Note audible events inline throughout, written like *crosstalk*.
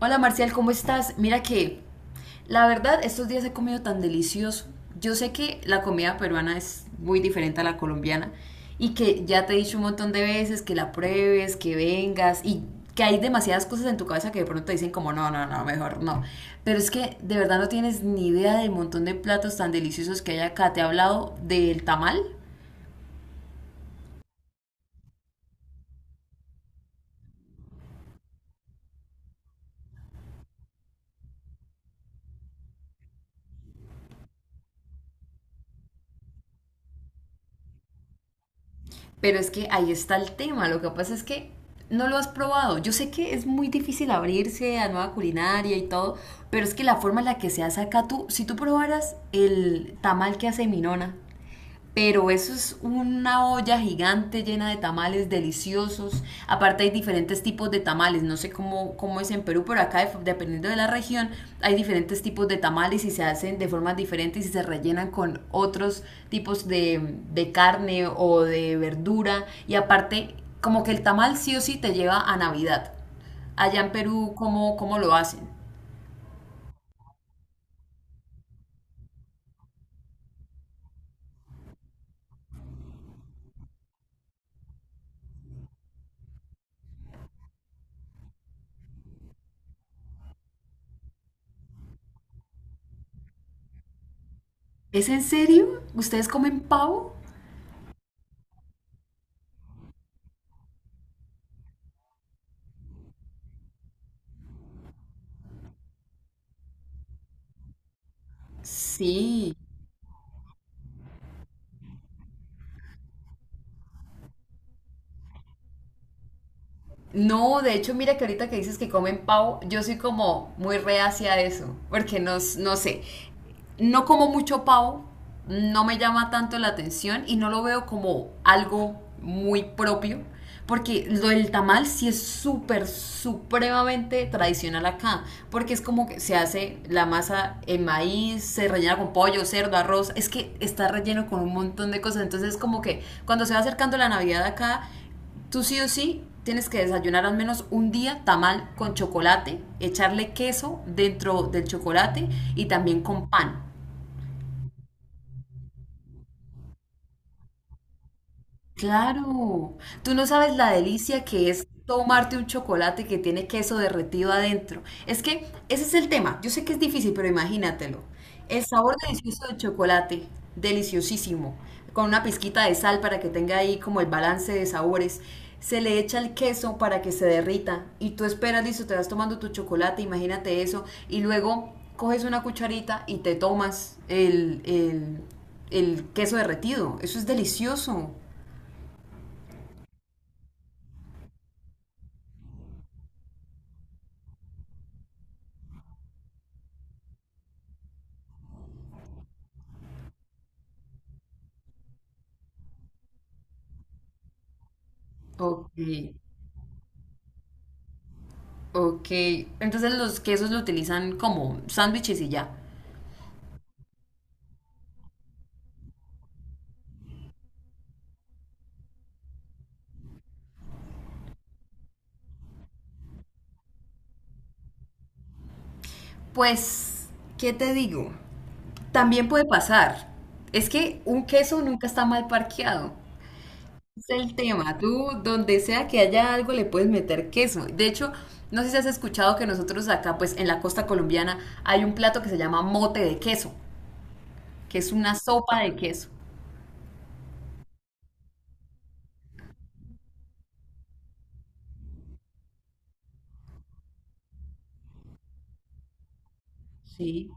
Hola Marcial, ¿cómo estás? Mira que la verdad estos días he comido tan delicioso. Yo sé que la comida peruana es muy diferente a la colombiana y que ya te he dicho un montón de veces que la pruebes, que vengas y que hay demasiadas cosas en tu cabeza que de pronto te dicen como no, no, no, mejor no. Pero es que de verdad no tienes ni idea del montón de platos tan deliciosos que hay acá. Te he hablado del tamal. Pero es que ahí está el tema. Lo que pasa es que no lo has probado. Yo sé que es muy difícil abrirse a nueva culinaria y todo, pero es que la forma en la que se hace acá tú, si tú probaras el tamal que hace mi nona, pero eso es una olla gigante llena de tamales deliciosos. Aparte hay diferentes tipos de tamales, no sé cómo, cómo es en Perú, pero acá dependiendo de la región hay diferentes tipos de tamales y se hacen de formas diferentes y se rellenan con otros tipos de carne o de verdura. Y aparte, como que el tamal sí o sí te lleva a Navidad. Allá en Perú, ¿cómo, cómo lo hacen? ¿Es en serio? ¿Ustedes comen pavo? Sí. No, de hecho, mira que ahorita que dices que comen pavo, yo soy como muy reacia a eso, porque no, no sé, no como mucho pavo, no me llama tanto la atención y no lo veo como algo muy propio, porque lo del tamal sí es súper, supremamente tradicional acá, porque es como que se hace la masa en maíz, se rellena con pollo, cerdo, arroz, es que está relleno con un montón de cosas, entonces como que cuando se va acercando la Navidad acá, tú sí o sí tienes que desayunar al menos un día tamal con chocolate, echarle queso dentro del chocolate y también con pan. Claro, tú no sabes la delicia que es tomarte un chocolate que tiene queso derretido adentro. Es que ese es el tema. Yo sé que es difícil, pero imagínatelo. El sabor delicioso del chocolate, deliciosísimo, con una pizquita de sal para que tenga ahí como el balance de sabores. Se le echa el queso para que se derrita y tú esperas, listo, te vas tomando tu chocolate, imagínate eso, y luego coges una cucharita y te tomas el queso derretido. Eso es delicioso. Ok, ok. Entonces los quesos lo utilizan como sándwiches y ya. Pues, ¿qué te digo? También puede pasar. Es que un queso nunca está mal parqueado. Es el tema. Tú, donde sea que haya algo, le puedes meter queso. De hecho, no sé si has escuchado que nosotros acá, pues en la costa colombiana, hay un plato que se llama mote de queso, que es una sopa de queso. Sí.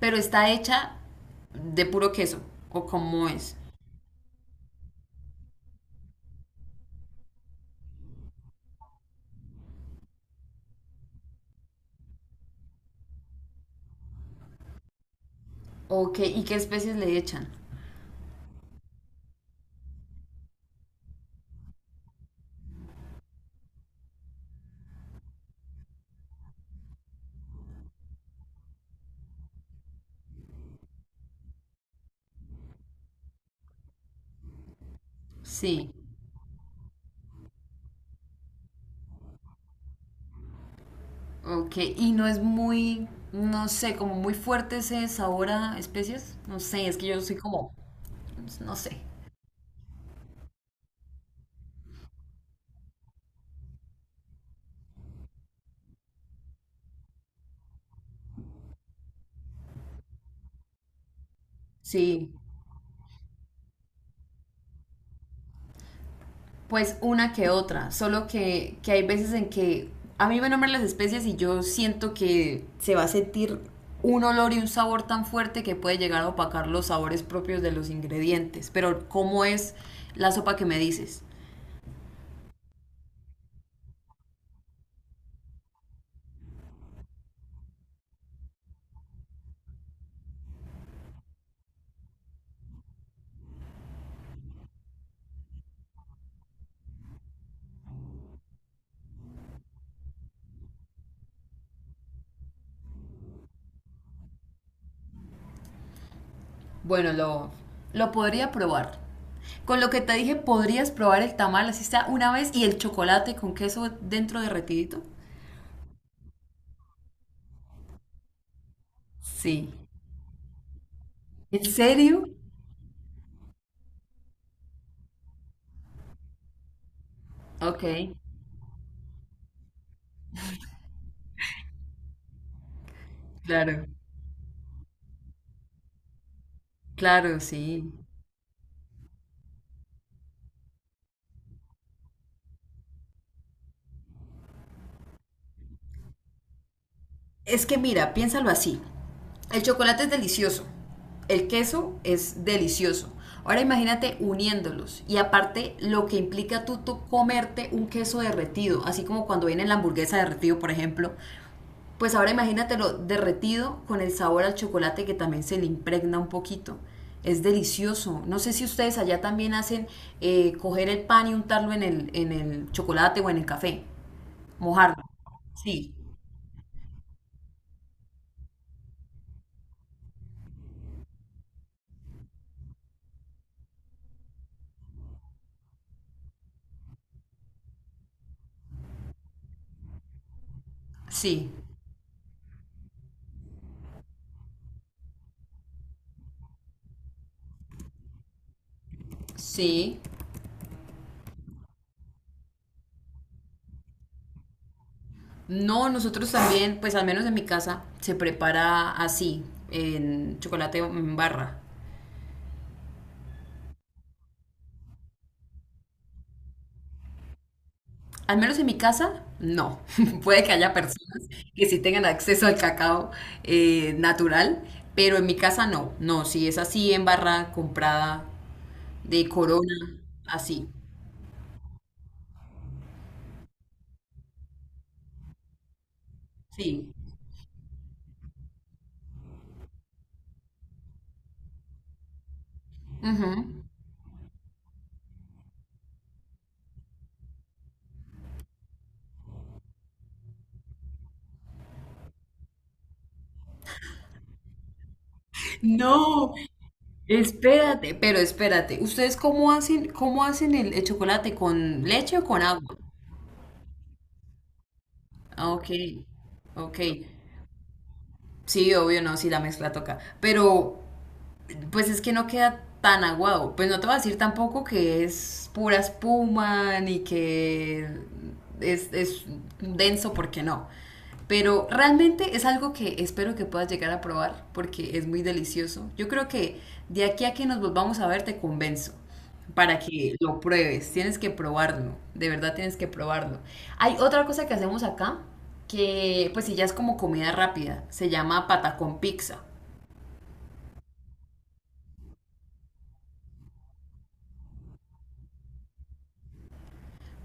Pero está hecha de puro queso, o cómo es. Ok, ¿y qué especies le echan? Sí, ok. Y no es muy, no sé, como muy fuerte ese sabor a especies. No sé, es que yo soy como, no sé. Sí, pues una que otra. Solo que hay veces en que a mí me nombran las especies y yo siento que se va a sentir un olor y un sabor tan fuerte que puede llegar a opacar los sabores propios de los ingredientes. Pero, ¿cómo es la sopa que me dices? Bueno, lo podría probar. Con lo que te dije, podrías probar el tamal, así está, una vez, y el chocolate con queso dentro derretidito. Sí. ¿En serio? Ok, claro, claro, sí. Es que mira, piénsalo así. El chocolate es delicioso, el queso es delicioso. Ahora imagínate uniéndolos y aparte lo que implica tú, tú comerte un queso derretido, así como cuando viene la hamburguesa derretido, por ejemplo, pues ahora imagínatelo derretido con el sabor al chocolate que también se le impregna un poquito. Es delicioso. No sé si ustedes allá también hacen coger el pan y untarlo en el chocolate o en el café. Mojarlo. Sí, sí, sí. No, nosotros también, pues al menos en mi casa, se prepara así, en chocolate en barra. Al menos en mi casa, no. *laughs* Puede que haya personas que sí tengan acceso al cacao natural, pero en mi casa no. No, si es así en barra comprada de Corona, así. Sí. Ujú. No, espérate, pero espérate. ¿Ustedes cómo hacen el chocolate? ¿Con leche o con agua? Ah, ok, ok. Sí, obvio, no, sí la mezcla toca. Pero pues es que no queda tan aguado. Pues no te voy a decir tampoco que es pura espuma ni que es denso porque no. Pero realmente es algo que espero que puedas llegar a probar porque es muy delicioso. Yo creo que de aquí a que nos volvamos a ver te convenzo para que lo pruebes. Tienes que probarlo, de verdad tienes que probarlo. Hay otra cosa que hacemos acá que pues si ya es como comida rápida, se llama patacón pizza.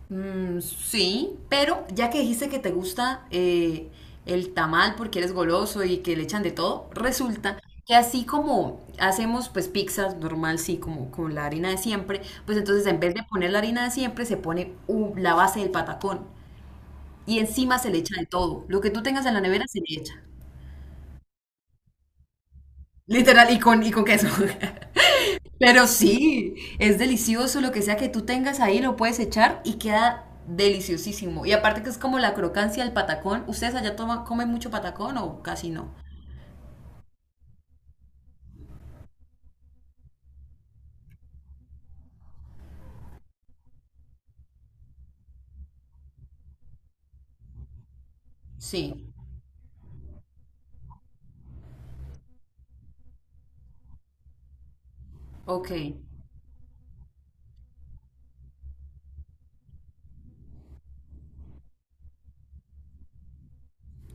Mm, sí, pero ya que dijiste que te gusta el tamal porque eres goloso y que le echan de todo, resulta que así como hacemos pues pizzas normal, sí, como con la harina de siempre, pues entonces en vez de poner la harina de siempre se pone la base del patacón y encima se le echa de todo. Lo que tú tengas en la nevera se le echa. Literal, y con queso. *laughs* Pero sí, es delicioso lo que sea que tú tengas ahí, lo puedes echar y queda deliciosísimo. Y aparte que es como la crocancia del patacón. ¿Ustedes allá toman, comen mucho patacón o casi no? Sí, ok,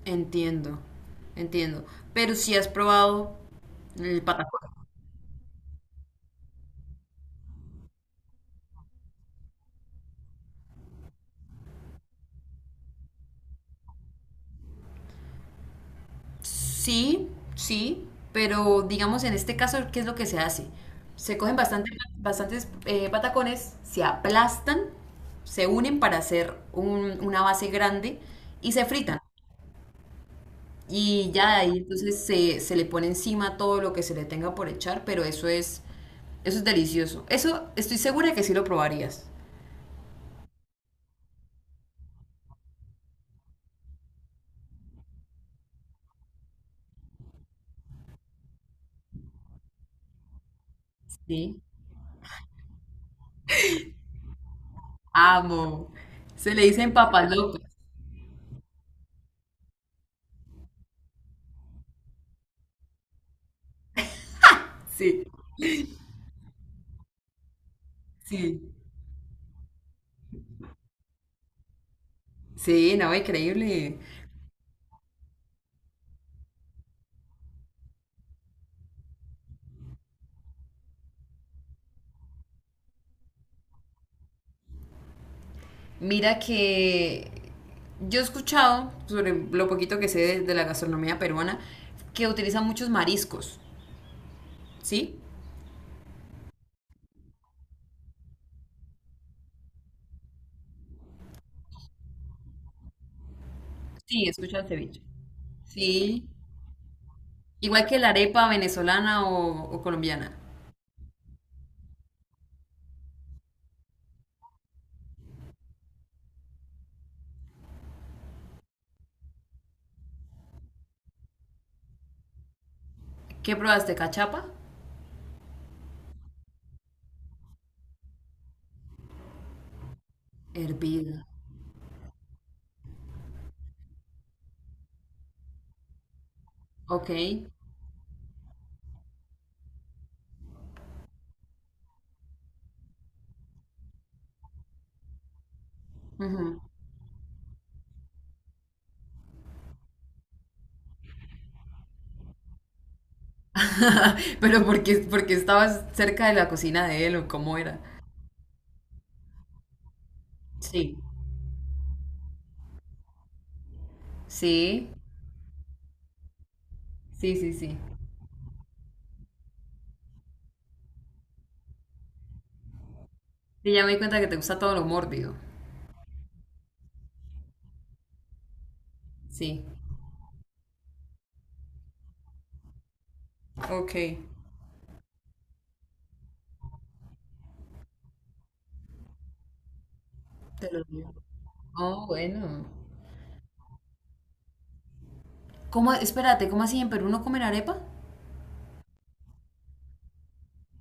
entiendo, entiendo. Pero si has probado el patacón. Sí, sí, pero digamos en este caso, ¿qué es lo que se hace? Se cogen bastante, bastantes patacones, se aplastan, se unen para hacer una base grande y se fritan. Y ya ahí entonces se le pone encima todo lo que se le tenga por echar, pero eso es delicioso. Eso estoy segura que sí lo probarías. Sí. Amo. Se le dicen papas locas. Sí, sí. Sí, no, increíble. Mira que yo he escuchado, sobre lo poquito que sé de la gastronomía peruana, que utilizan muchos mariscos. ¿Sí? Sí, escucha el ceviche. Sí. Igual que la arepa venezolana o colombiana. ¿Qué probaste? ¿Cachapa? Hervida. Ok. Ujú. *laughs* Pero porque, porque estabas cerca de la cocina de él o cómo era. Sí. Sí. Sí, sí, sí. Sí, ya me di cuenta que te gusta todo lo mórbido. Sí. Ok. Te lo digo. Oh, bueno. ¿Cómo? Espérate, ¿cómo así en Perú no comen arepa?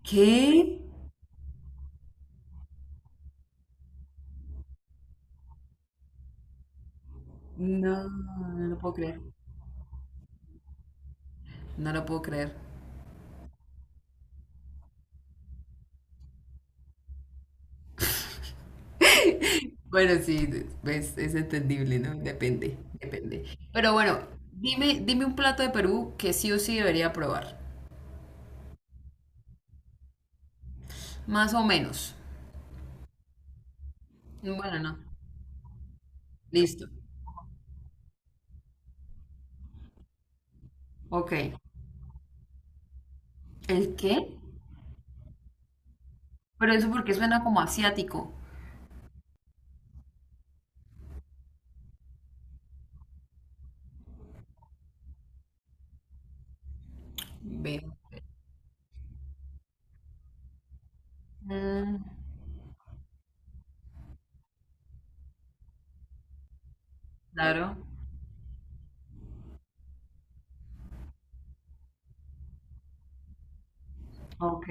¿Qué? No, no lo puedo creer. No lo puedo creer. Bueno, sí, es entendible, ¿no? Depende, depende. Pero bueno, dime, dime un plato de Perú que sí o sí debería probar. Más o menos. Bueno, no. Listo. Ok. ¿El qué? Pero eso porque suena como asiático. Ve. Mm, claro. Ok.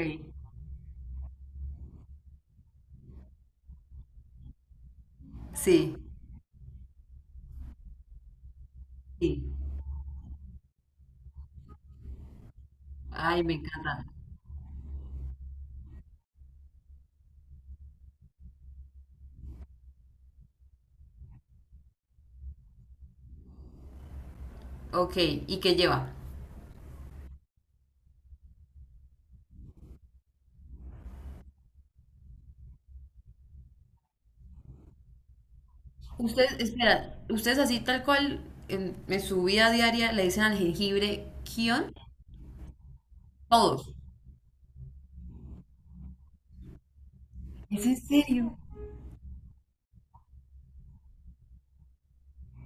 Sí, sí. Ay, me encanta. Ok, ¿y qué lleva? Ustedes, espera, ustedes así tal cual en su vida diaria le dicen al jengibre kion. Todos. ¿Es en serio?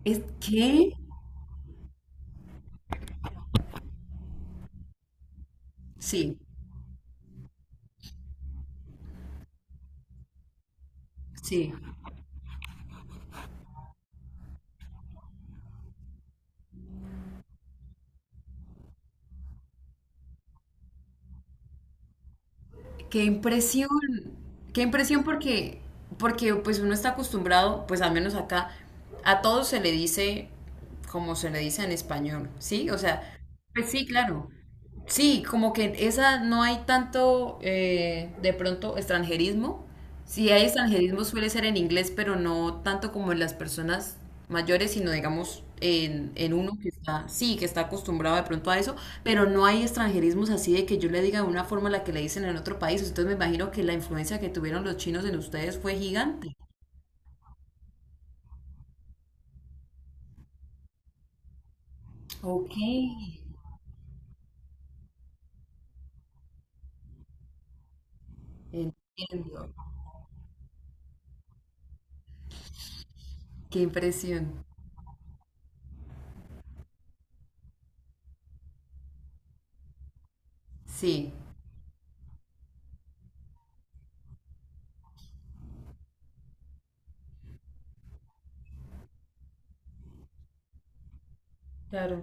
¿Es qué? Sí, sí. Qué impresión, qué impresión porque, porque pues uno está acostumbrado, pues al menos acá, a todo se le dice como se le dice en español, ¿sí? O sea, pues sí, claro, sí, como que en esa no hay tanto de pronto extranjerismo. Si hay extranjerismo suele ser en inglés, pero no tanto como en las personas mayores, sino digamos en uno que está, sí, que está acostumbrado de pronto a eso, pero no hay extranjerismos así de que yo le diga de una forma la que le dicen en otro país. Entonces me imagino que la influencia que tuvieron los chinos en ustedes fue gigante. Ok, entiendo. Qué impresión. Sí, claro.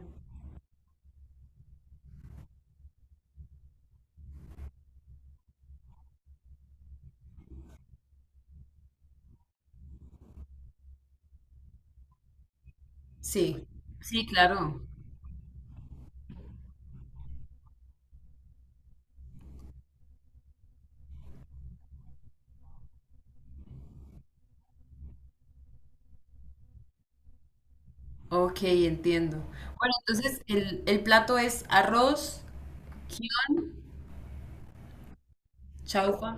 Sí, sí, claro. Ok, entiendo. Bueno, entonces el plato es arroz, guión, chaufa,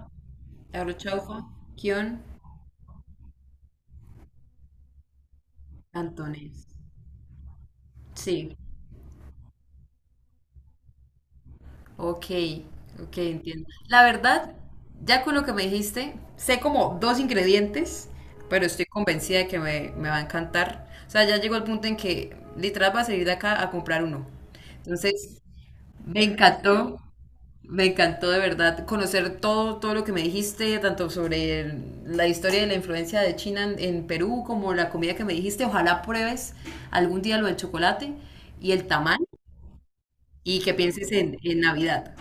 arroz chaufa, guión, cantonés. Sí, ok, ok, entiendo. La verdad, ya con lo que me dijiste, sé como dos ingredientes, pero estoy convencida de que me va a encantar. O sea, ya llegó el punto en que literal va a salir de acá a comprar uno. Entonces, me encantó. Me encantó de verdad conocer todo, todo lo que me dijiste, tanto sobre la historia de la influencia de China en Perú, como la comida que me dijiste. Ojalá pruebes algún día lo del chocolate y el tamal y que pienses en Navidad.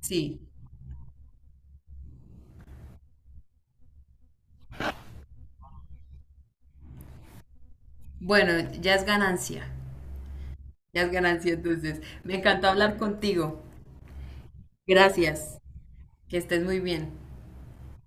Sí. Bueno, ya es ganancia. Ya es ganancia entonces. Me encantó hablar contigo. Gracias. Que estés muy bien.